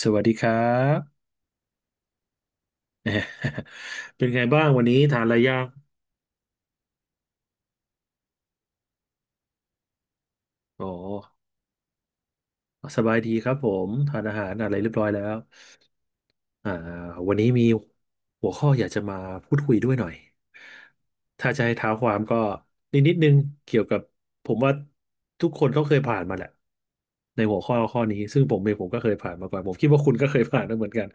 สวัสดีครับ เป็นไงบ้างวันนี้ทานอะไรยังอ๋อสบายดีครับผมทานอาหารอะไรเรียบร้อยแล้วอ่าวันนี้มีหัวข้ออยากจะมาพูดคุยด้วยหน่อยถ้าจะให้เท้าความก็นิดนึงเกี่ยวกับผมว่าทุกคนก็เคยผ่านมาแหละในหัวข้อข้อนี้ซึ่งผมเองผมก็เคยผ่านมาก่อนผมคิดว่าคุณก็เคยผ่านมาเหมือนกัน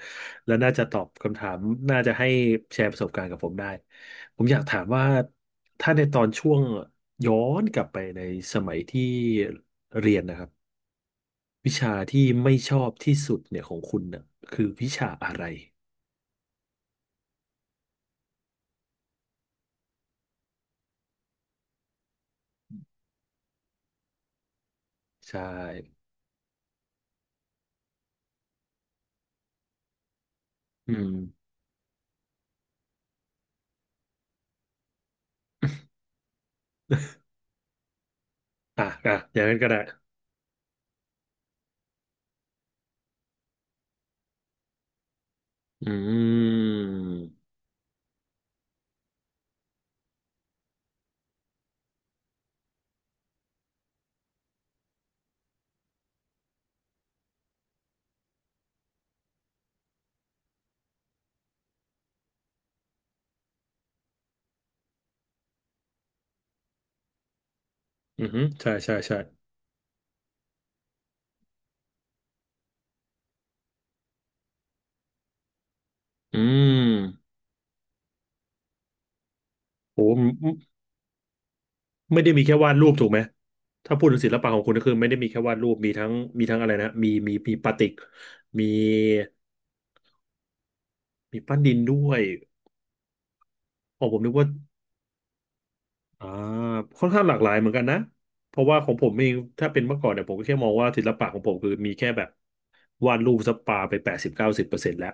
และน่าจะตอบคำถามน่าจะให้แชร์ประสบการณ์กับผมได้ผมอยากถามว่าถ้าในตอนช่วง ย้อนกลับไปในสมัยที่เรียนนะครับวิชาที่ไม่ชอบที่สุดเนี่ยของคุณน่ะคือวิชาอะไรใช่อืมอ่ะอ่ะอย่างนั้นก็ได้อืมอือฮึใช่ใช่ใช่อืมโหไม่ไม่ได้มีแค่วาดรูปถูกไหมถ้าพูดถึงศิลปะของคุณก็คือไม่ได้มีแค่วาดรูปมีทั้งอะไรนะมีปาติกมีมีปั้นดินด้วยโอ้ผมนึกว่า อ่าค่อนข้างหลากหลายเหมือนกันนะเพราะว่าของผมเองถ้าเป็นเมื่อก่อนเนี่ยผมก็แค่มองว่าศิลปะของผมคือมีแค่แบบวาดรูปสปาไป80-90%แล้ว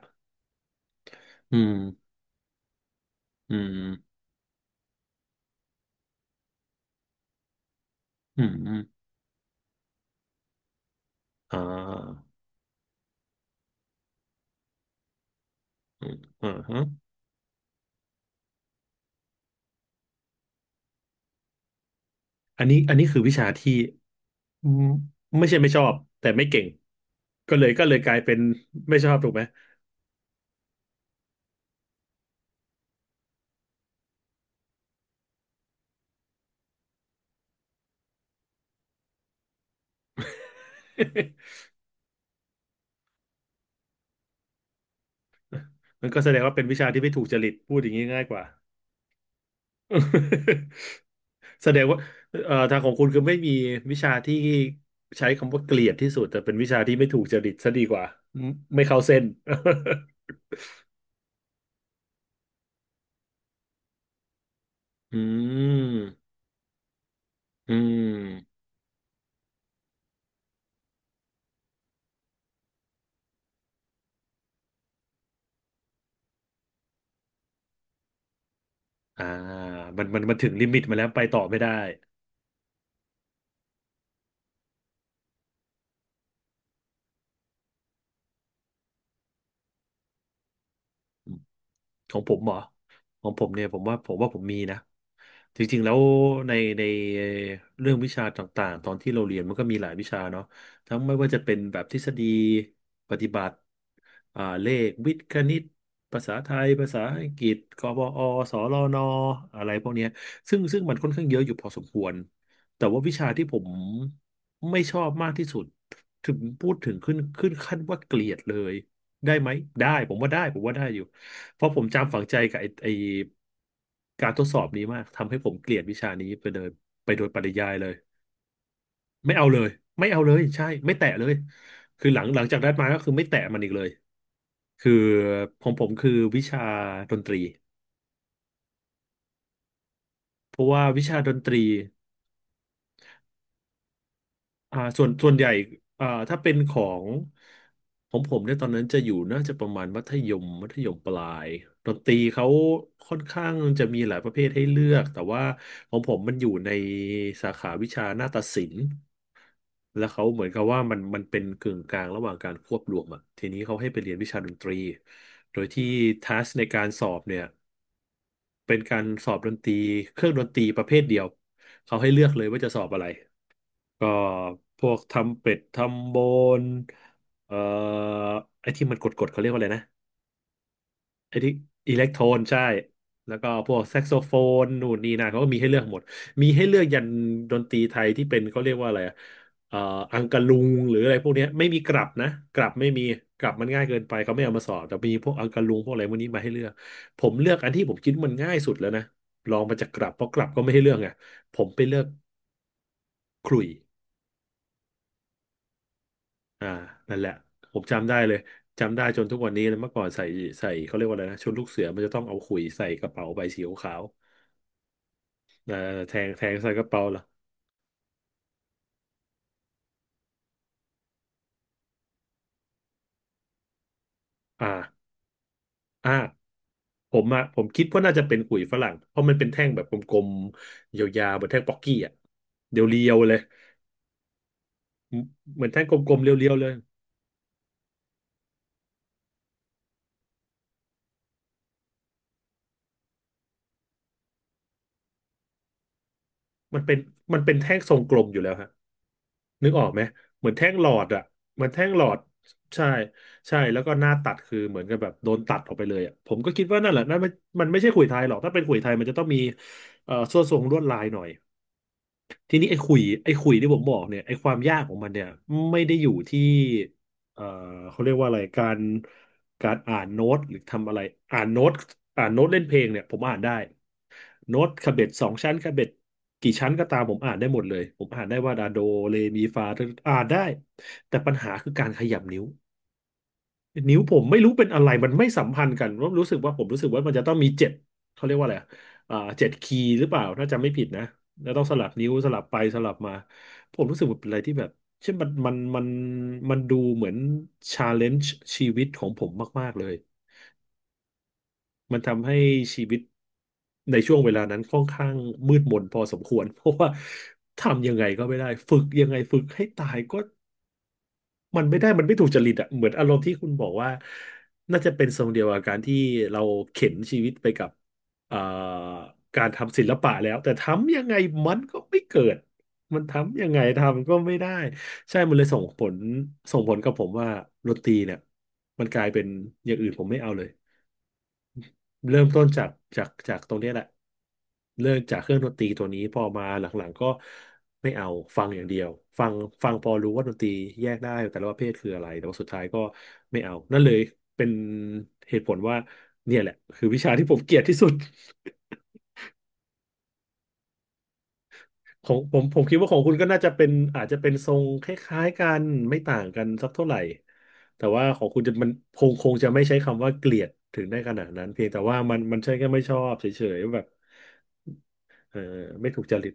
อืมอืมอืมอืมอ่าอืมอ่าฮะอันนี้อันนี้คือวิชาที่อืมไม่ใช่ไม่ชอบแต่ไม่เก่งก็เลยกลายเป็นไม่ชอบถูกไหม มันก็แสดงว่าเป็นวิชาที่ไม่ถูกจริตพูดอย่างนี้ง่ายกว่า แสดงว่าทางของคุณคือไม่มีวิชาที่ใช้คำว่าเกลียดที่สุดแต่เป็นวิชาที่ไม่ถูกจริตซะดีกว่าไม่ไม่เข้าเส้น อืมอืมอ่ามันถึงลิมิตมาแล้วไปต่อไม่ได้ ของผมเหรอของผมเนี่ยผมว่าผมมีนะจริงๆแล้วในในเรื่องวิชาต่างๆตอนที่เราเรียนมันก็มีหลายวิชาเนาะทั้งไม่ว่าจะเป็นแบบทฤษฎีปฏิบัติเลขวิทย์คณิตภาษาไทยภาษาอังกฤษกบอสลนอะไรพวกเนี้ยซึ่งมันค่อนข้างเยอะอยู่พอสมควรแต่ว่าวิชาที่ผมไม่ชอบมากที่สุดถึงพูดถึงขึ้นขึ้นขั้นว่าเกลียดเลยได้ไหมได้ผมว่าได้อยู่ เพราะผมจำฝังใจกับไอ้การทดสอบนี้มากทำให้ผมเกลียดวิชานี้ไปเลยไปโดยปริยายเลยไม่เอาเลยไม่เอาเลยใช่ไม่แตะเลยคือหลังจากได้มาก็คือไม่แตะมันอีกเลยคือผมคือวิชาดนตรีเพราะว่าวิชาดนตรี ส่วนใหญ่ถ้าเป็นของผมเนี่ยตอนนั้นจะอยู่น่าจะประมาณมัธยมปลายดนตรีเขาค่อนข้างจะมีหลายประเภทให้เลือกแต่ว่าของผมมันอยู่ในสาขาวิชานาฏศิลป์แล้วเขาเหมือนกับว่ามันเป็นกึ่งกลางระหว่างการควบรวมอ่ะทีนี้เขาให้ไปเรียนวิชาดนตรีโดยที่ทัสในการสอบเนี่ยเป็นการสอบดนตรีเครื่องดนตรีประเภทเดียวเขาให้เลือกเลยว่าจะสอบอะไร ก็พวกทำเป็ดทำโบนเอ่อไอ้ที่มันกดๆเขาเรียกว่าอะไรนะไอ้ที่อิเล็กโทรนใช่แล้วก็พวกแซกโซโฟนนู่นนี่นั่นเขาก็มีให้เลือกหมดมีให้เลือกยันดนตรีไทยที่เป็นเขาเรียกว่าอะไรอะเอ่ออังกะลุงหรืออะไรพวกเนี้ยไม่มีกลับนะกลับไม่มีกลับมันง่ายเกินไปเขาไม่เอามาสอนแต่มีพวกอังกะลุงพวกอะไรพวกนี้มาให้เลือกผมเลือกอันที่ผมคิดมันง่ายสุดแล้วนะลองมาจากกลับเพราะกลับก็ไม่ให้เลือกไงผมไปเลือกขลุ่ย อ่านั่นแหละผมจำได้เลยจำได้จนทุกวันนี้เลยเมื่อก่อนใส่เขาเรียกว่าอะไรนะชุดลูกเสือมันจะต้องเอาขุยใส่กระเป๋าใบสีขาวๆแทงใส่กระเป๋าเหรออ่าอ่าผมอะผมคิดว่าน่าจะเป็นขุยฝรั่งเพราะมันเป็นแท่งแบบกลมๆยาวๆเหมือนแท่งป๊อกกี้อะเรียวๆเลยเหมือนแท่งกลมๆเรียวๆเลยมันเป็นมันเป็นแท่งทรงกลมอยู่แล้วฮะ นึกออกไหมเหมือนแท่งหลอดอ่ะเหมือนแท่งหลอดใช่ใช่แล้วก็หน้าตัดคือเหมือนกับแบบโดนตัดออกไปเลยอ่ะผมก็คิดว่านั่นแหละนั่นมันมันไม่ใช่ขุยไทยหรอกถ้าเป็นขุยไทยมันจะต้องมีส่วนทรงลวดลายหน่อยทีนี้ไอ้ขุยที่ผมบอกเนี่ยไอ้ความยากของมันเนี่ยไม่ได้อยู่ที่เอ่อเขาเรียกว่าอะไรการอ่านโน้ตหรือทำอะไรอ่านโน้ตอ่านโน้ตเล่นเพลงเนี่ยผมอ่านได้ โน้ตคาเบ็ดสองชั้นคาเบ็ดกี่ชั้นก็ตามผมอ่านได้หมดเลยผมอ่านได้ว่าดาโดเรมีฟาอ่านได้แต่ปัญหาคือการขยับนิ้วนิ้วผมไม่รู้เป็นอะไรมันไม่สัมพันธ์กันผมรู้สึกว่ามันจะต้องมีเจ็ดเขาเรียกว่าอะไรอะอ่าเจ็ดคีย์หรือเปล่าถ้าจำไม่ผิดนะแล้วต้องสลับนิ้วสลับไปสลับมาผมรู้สึกว่าเป็นอะไรที่แบบเช่นมันมันดูเหมือนชาเลนจ์ชีวิตของผมมากๆเลย มันทำให้ชีวิตในช่วงเวลานั้นค่อนข้างมืดมนพอสมควร เพราะว่าทำยังไงก็ไม่ได้ฝึกยังไงฝึกให้ตายก็มันไม่ได้มันไม่ถูกจริตอะเหมือนอารมณ์ที่คุณบอกว่าน่าจะเป็นทรงเดียวกับการที่เราเข็นชีวิตไปกับเอ่อการทำศิลปะแล้วแต่ทำยังไงมันก็ไม่เกิดมันทำยังไงทำก็ไม่ได้ใช่มันเลยส่งผลกับผมว่าดนตรีเนี่ยมันกลายเป็นอย่างอื่นผมไม่เอาเลย เริ่มต้นจากจากตรงเนี้ยแหละเริ่มจากเครื่องดนตรีตัวนี้พอมาหลังๆก็ไม่เอาฟังอย่างเดียวฟังฟังพอรู้ว่าดนตรีแยกได้แต่ละประเภทคืออะไรแต่ว่าสุดท้ายก็ไม่เอานั่นเลยเป็นเหตุผลว่าเนี่ยแหละคือวิชาที่ผมเกลียดที่สุด ของผมผมคิดว่าของคุณก็น่าจะเป็นอาจจะเป็นทรงคล้ายๆกันไม่ต่างกันสักเท่าไหร่แต่ว่าของคุณจะมันคงจะไม่ใช้คำว่าเกลียดถึงได้ขนาดนั้นเพียงแต่ว่ามันใช่แค่ไม่ชอบเฉยๆแบบ เออไม่ถูกจริต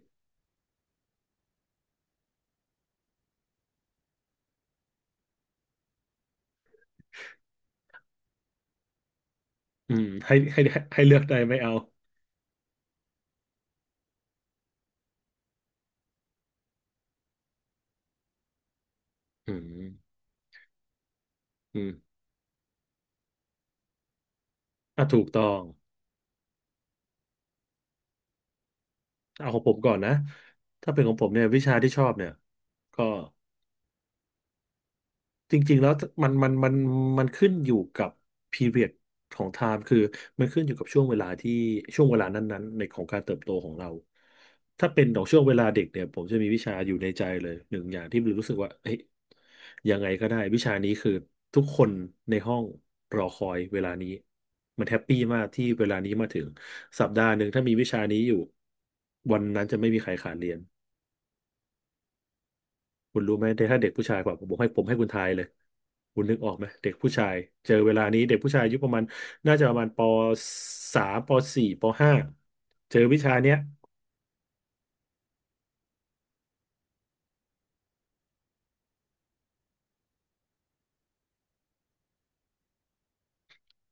อืมให้เลือกได้ไม่เอาอืมอืมอ่ะถูกต้องเอาของผมก่อนนะถ้าเป็นของผมเนี่ยวิชาที่ชอบเนี่ยก็ จริงๆแล้วมันมันขึ้นอยู่กับ period ของ time คือมันขึ้นอยู่กับช่วงเวลาที่ช่วงเวลานั้นๆในของการเติบโตของเราถ้าเป็นของช่วงเวลาเด็กเนี่ยผมจะมีวิชาอยู่ในใจเลยหนึ่งอย่างที่รู้สึกว่าเฮ้ยยังไงก็ได้วิชานี้คือทุกคนในห้องรอคอยเวลานี้มันแฮปปี้มากที่เวลานี้มาถึงสัปดาห์หนึ่งถ้ามีวิชานี้อยู่วันนั้นจะไม่มีใครขาดเรียน คุณรู้ไหมถ้าเด็กผู้ชายกว่าผมให้คุณทายเลยคุณนึกออกไหมเด็กผู้ชายเจอเวลานี้เด็กผู้ชายอายุประมาณน่าจะประมาณปสามปสี่ปห้าเจอวิชาเนี้ย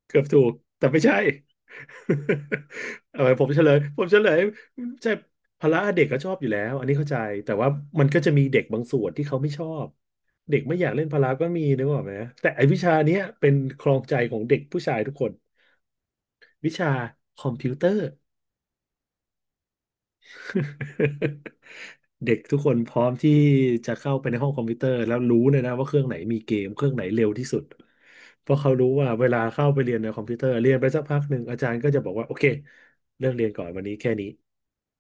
เกือบถูกแต่ไม่ใช่ เออผมเฉลยใช่พละเด็กก็ชอบอยู่แล้วอันนี้เข้าใจแต่ว่ามันก็จะมีเด็กบางส่วนที่เขาไม่ชอบเด็กไม่อยากเล่นพละก็มีนึกออกไหมแต่ไอ้วิชาเนี้ยเป็นครองใจของเด็กผู้ชายทุกคนวิชาคอมพิวเตอร์ เด็กทุกคนพร้อมที่จะเข้าไปในห้องคอมพิวเตอร์แล้วรู้เลยนะว่าเครื่องไหนมีเกมเครื่องไหนเร็วที่สุดเพราะเขารู้ว่าเวลาเข้าไปเรียนในคอมพิวเตอร์เรียนไปสักพักหนึ่งอาจารย์ก็จะบอกว่าโอเคเรื่องเรียนก่อนวันนี้แค่นี้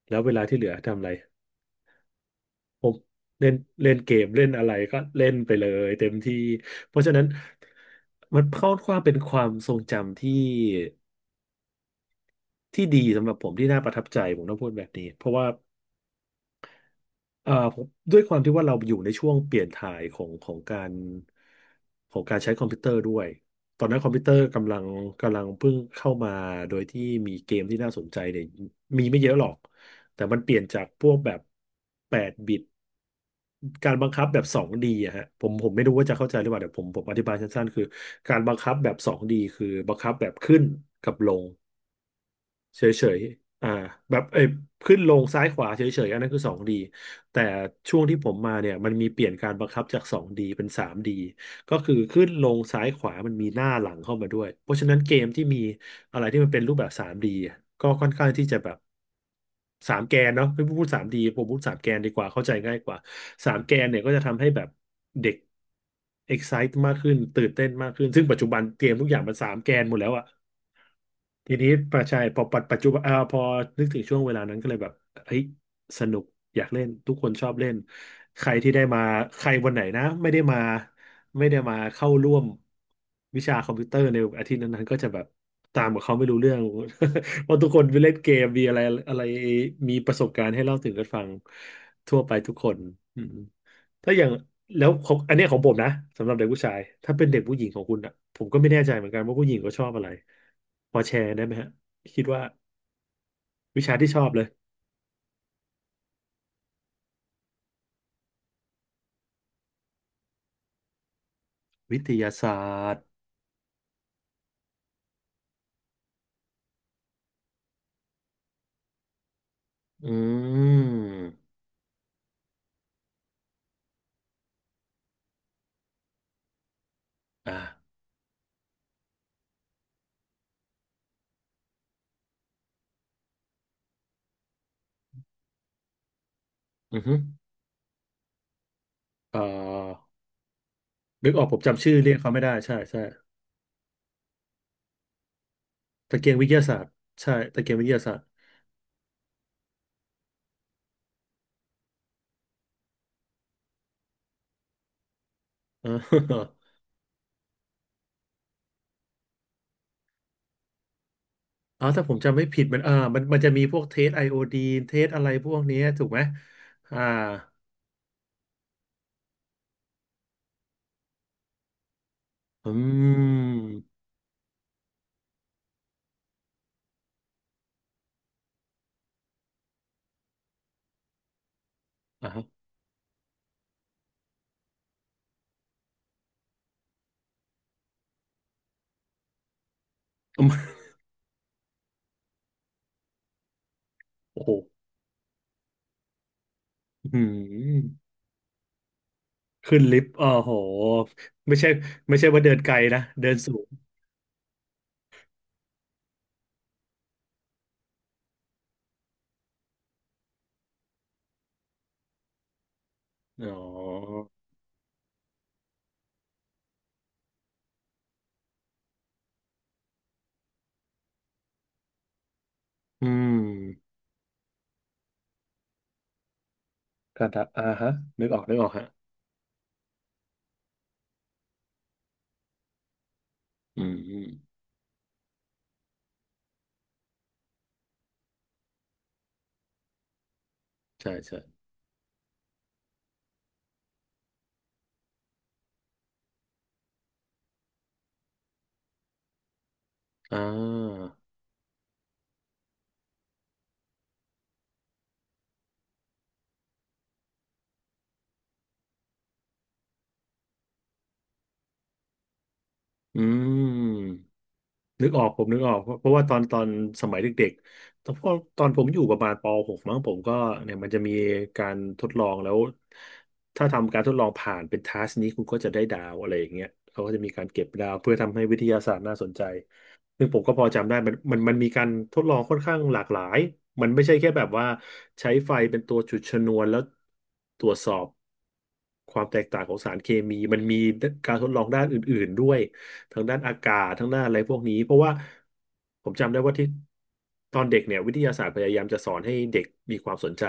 แล้วเวลาที่เหลือทำอะไรผมเล่นเล่นเกมเล่นอะไรก็เล่นไปเลยเต็มที่เพราะฉะนั้นมันค่อนข้างเป็นความทรงจำที่ที่ดีสำหรับผมที่น่าประทับใจผมต้องพูดแบบนี้เพราะว่า ผมด้วยความที่ว่าเราอยู่ในช่วงเปลี่ยนถ่ายของการของการใช้คอมพิวเตอร์ด้วยตอนนั้นคอมพิวเตอร์กำลังกำลังเพิ่งเข้ามาโดยที่มีเกมที่น่าสนใจเนี่ยมีไม่เยอะหรอกแต่มันเปลี่ยนจากพวกแบบ8 บิตการบังคับแบบ 2D อะฮะผมไม่รู้ว่าจะเข้าใจหรือเปล่าเดี๋ยวผมอธิบายสั้นๆคือการบังคับแบบ 2D คือบังคับแบบขึ้นกับลง เฉยๆ อ่าแบบเอ้ยขึ้นลงซ้ายขวาเฉยๆอันนั้นคือ 2D แต่ช่วงที่ผมมาเนี่ยมันมีเปลี่ยนการบังคับจาก 2D เป็น 3D ก็คือขึ้นลงซ้ายขวามันมีหน้าหลังเข้ามาด้วยเพราะฉะนั้นเกมที่มีอะไรที่มันเป็นรูปแบบ 3D อะก็ค่อนข้างที่จะแบบสามแกนเนาะไม่พูด 3D ผมพูดสามแกนดีกว่าเข้าใจง่ายกว่าสามแกนเนี่ยก็จะทำให้แบบเด็ก excite มากขึ้นตื่นเต้นมากขึ้นซึ่งปัจจุบันเกมทุกอย่างมันสามแกนหมดแล้วอะ ทีนี้ประชายพอปัจจุบันพอนึกถึงช่วงเวลานั้นก็เลยแบบเฮ้ยสนุกอยากเล่นทุกคนชอบเล่นใครที่ได้มาใครวันไหนนะไม่ได้มาไม่ได้มาเข้าร่วมวิชาคอมพิวเตอร์ในอาทิตย์นั้นๆก็จะแบบตามกับเขาไม่รู้เรื่อง เพราะทุกคนไปเล่นเกมมีอะไรอะไรมีประสบการณ์ให้เล่าถึงกันฟังทั่วไปทุกคนอืม ถ้าอย่างแล้วของอันเนี้ยของผมนะสำหรับเด็กผู้ชายถ้าเป็นเด็กผู้หญิงของคุณอ่ะผมก็ไม่แน่ใจเหมือนกันว่าผู้หญิงก็ชอบอะไรพอแชร์ได้ไหมฮะคิดว่าวิชาที่ชอบเลยวิทยาศาสตร์อืมอ่าอือฮึเอ่อนึกออกผมจำชื่อเรียกเขาไม่ได้ใช่ใช่ตะเกียงวิทยาศาสตร์ใช่ตะเกียงวิทยาศาสตร์เออ อ๋อถ้าผมจำไม่ผิดมันอ่ามันมันจะมีพวกเทสไอโอดีนเทสอะไรพวกเนี้ยถูกไหมอ่าอืมอ่าฮะ โอ้โห อืมขึ้นลิฟต์อ๋อโห ไม่ใช่ ไม่ใช่ว่าเดินไกลนะ เดินสูง อ๋อ อืมกระดาษอ่าฮะนึกออกนึกออกฮะอืม ใช่ใช่อ่าอืม นึกออกผมนึกออกเพราะว่าตอนสมัยเด็กๆตอนพอตอนผมอยู่ประมาณปหกมั้งผมก็เนี่ยมันจะมีการทดลองแล้วถ้าทำการทดลองผ่านเป็นทัสนี้คุณก็จะได้ดาวอะไรอย่างเงี้ยเขาก็จะมีการเก็บดาวเพื่อทำให้วิทยาศาสตร์น่าสนใจซึ่งผมก็พอจำได้มันมีการทดลองค่อนข้างหลากหลายมันไม่ใช่แค่แบบว่าใช้ไฟเป็นตัวจุดชนวนแล้วตรวจสอบความแตกต่างของสารเคมีมันมีการทดลองด้านอื่นๆด้วย ทางด้านอากาศทางด้านอะไรพวกนี้เพราะว่าผมจำได้ว่าที่ตอนเด็กเนี่ยวิทยาศาสตร์พยายามจะสอนให้เด็กมีความสนใจ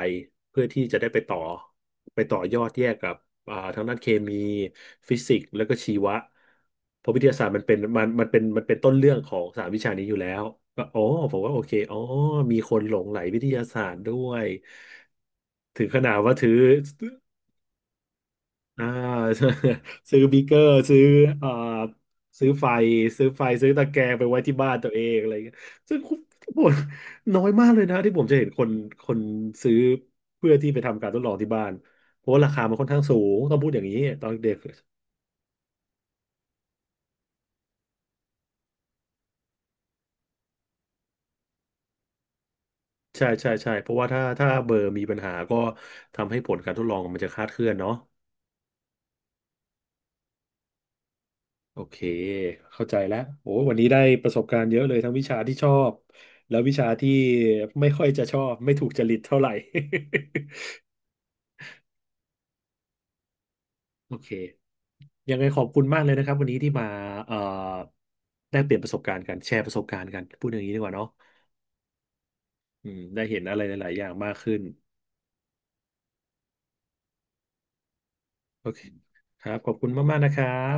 เพื่อที่จะได้ไปต่อไปต่อยอดแยกกับทางด้านเคมีฟิสิกส์แล้วก็ชีวะเพราะวิทยาศาสตร์มันเป็นมันมันเป็นมันเป็นต้นเรื่องของสามวิชานี้อยู่แล้วก็อ๋อผมว่าโอเคอ๋อมีคนหลงใหลวิทยาศาสตร์ด้วยถึงขนาดว่าถือ อ่า ซื้อบีเกอร์ซื้อเอ่อซื้อไฟซื้อตะแกรงไปไว้ที่บ้านตัวเองอะไรเงี้ยซึ่งผมน้อยมากเลยนะที่ผมจะเห็นคนซื้อเพื่อที่ไปทำการทดลองที่บ้านเพราะว่าราคามันค่อนข้างสูงต้องพูดอย่างนี้ตอนเด็กใช่ใช่ใช่เพราะว่าถ้าเบอร์มีปัญหาก็ทำให้ผลการทดลองมันจะคลาดเคลื่อนเนาะ โอเคเข้าใจแล้วโอ้วันนี้ได้ประสบการณ์เยอะเลยทั้งวิชาที่ชอบแล้ววิชาที่ไม่ค่อยจะชอบไม่ถูกจริตเท่าไหร่ โอเคยังไงขอบคุณมากเลยนะครับวันนี้ที่มาเอ่อได้เปลี่ยนประสบการณ์กันแชร์ประสบการณ์กันพูดอย่างนี้ดีกว่าเนาะอืมได้เห็นอะไรหลายๆอย่างมากขึ้นโอเคครับขอบคุณมากๆนะครับ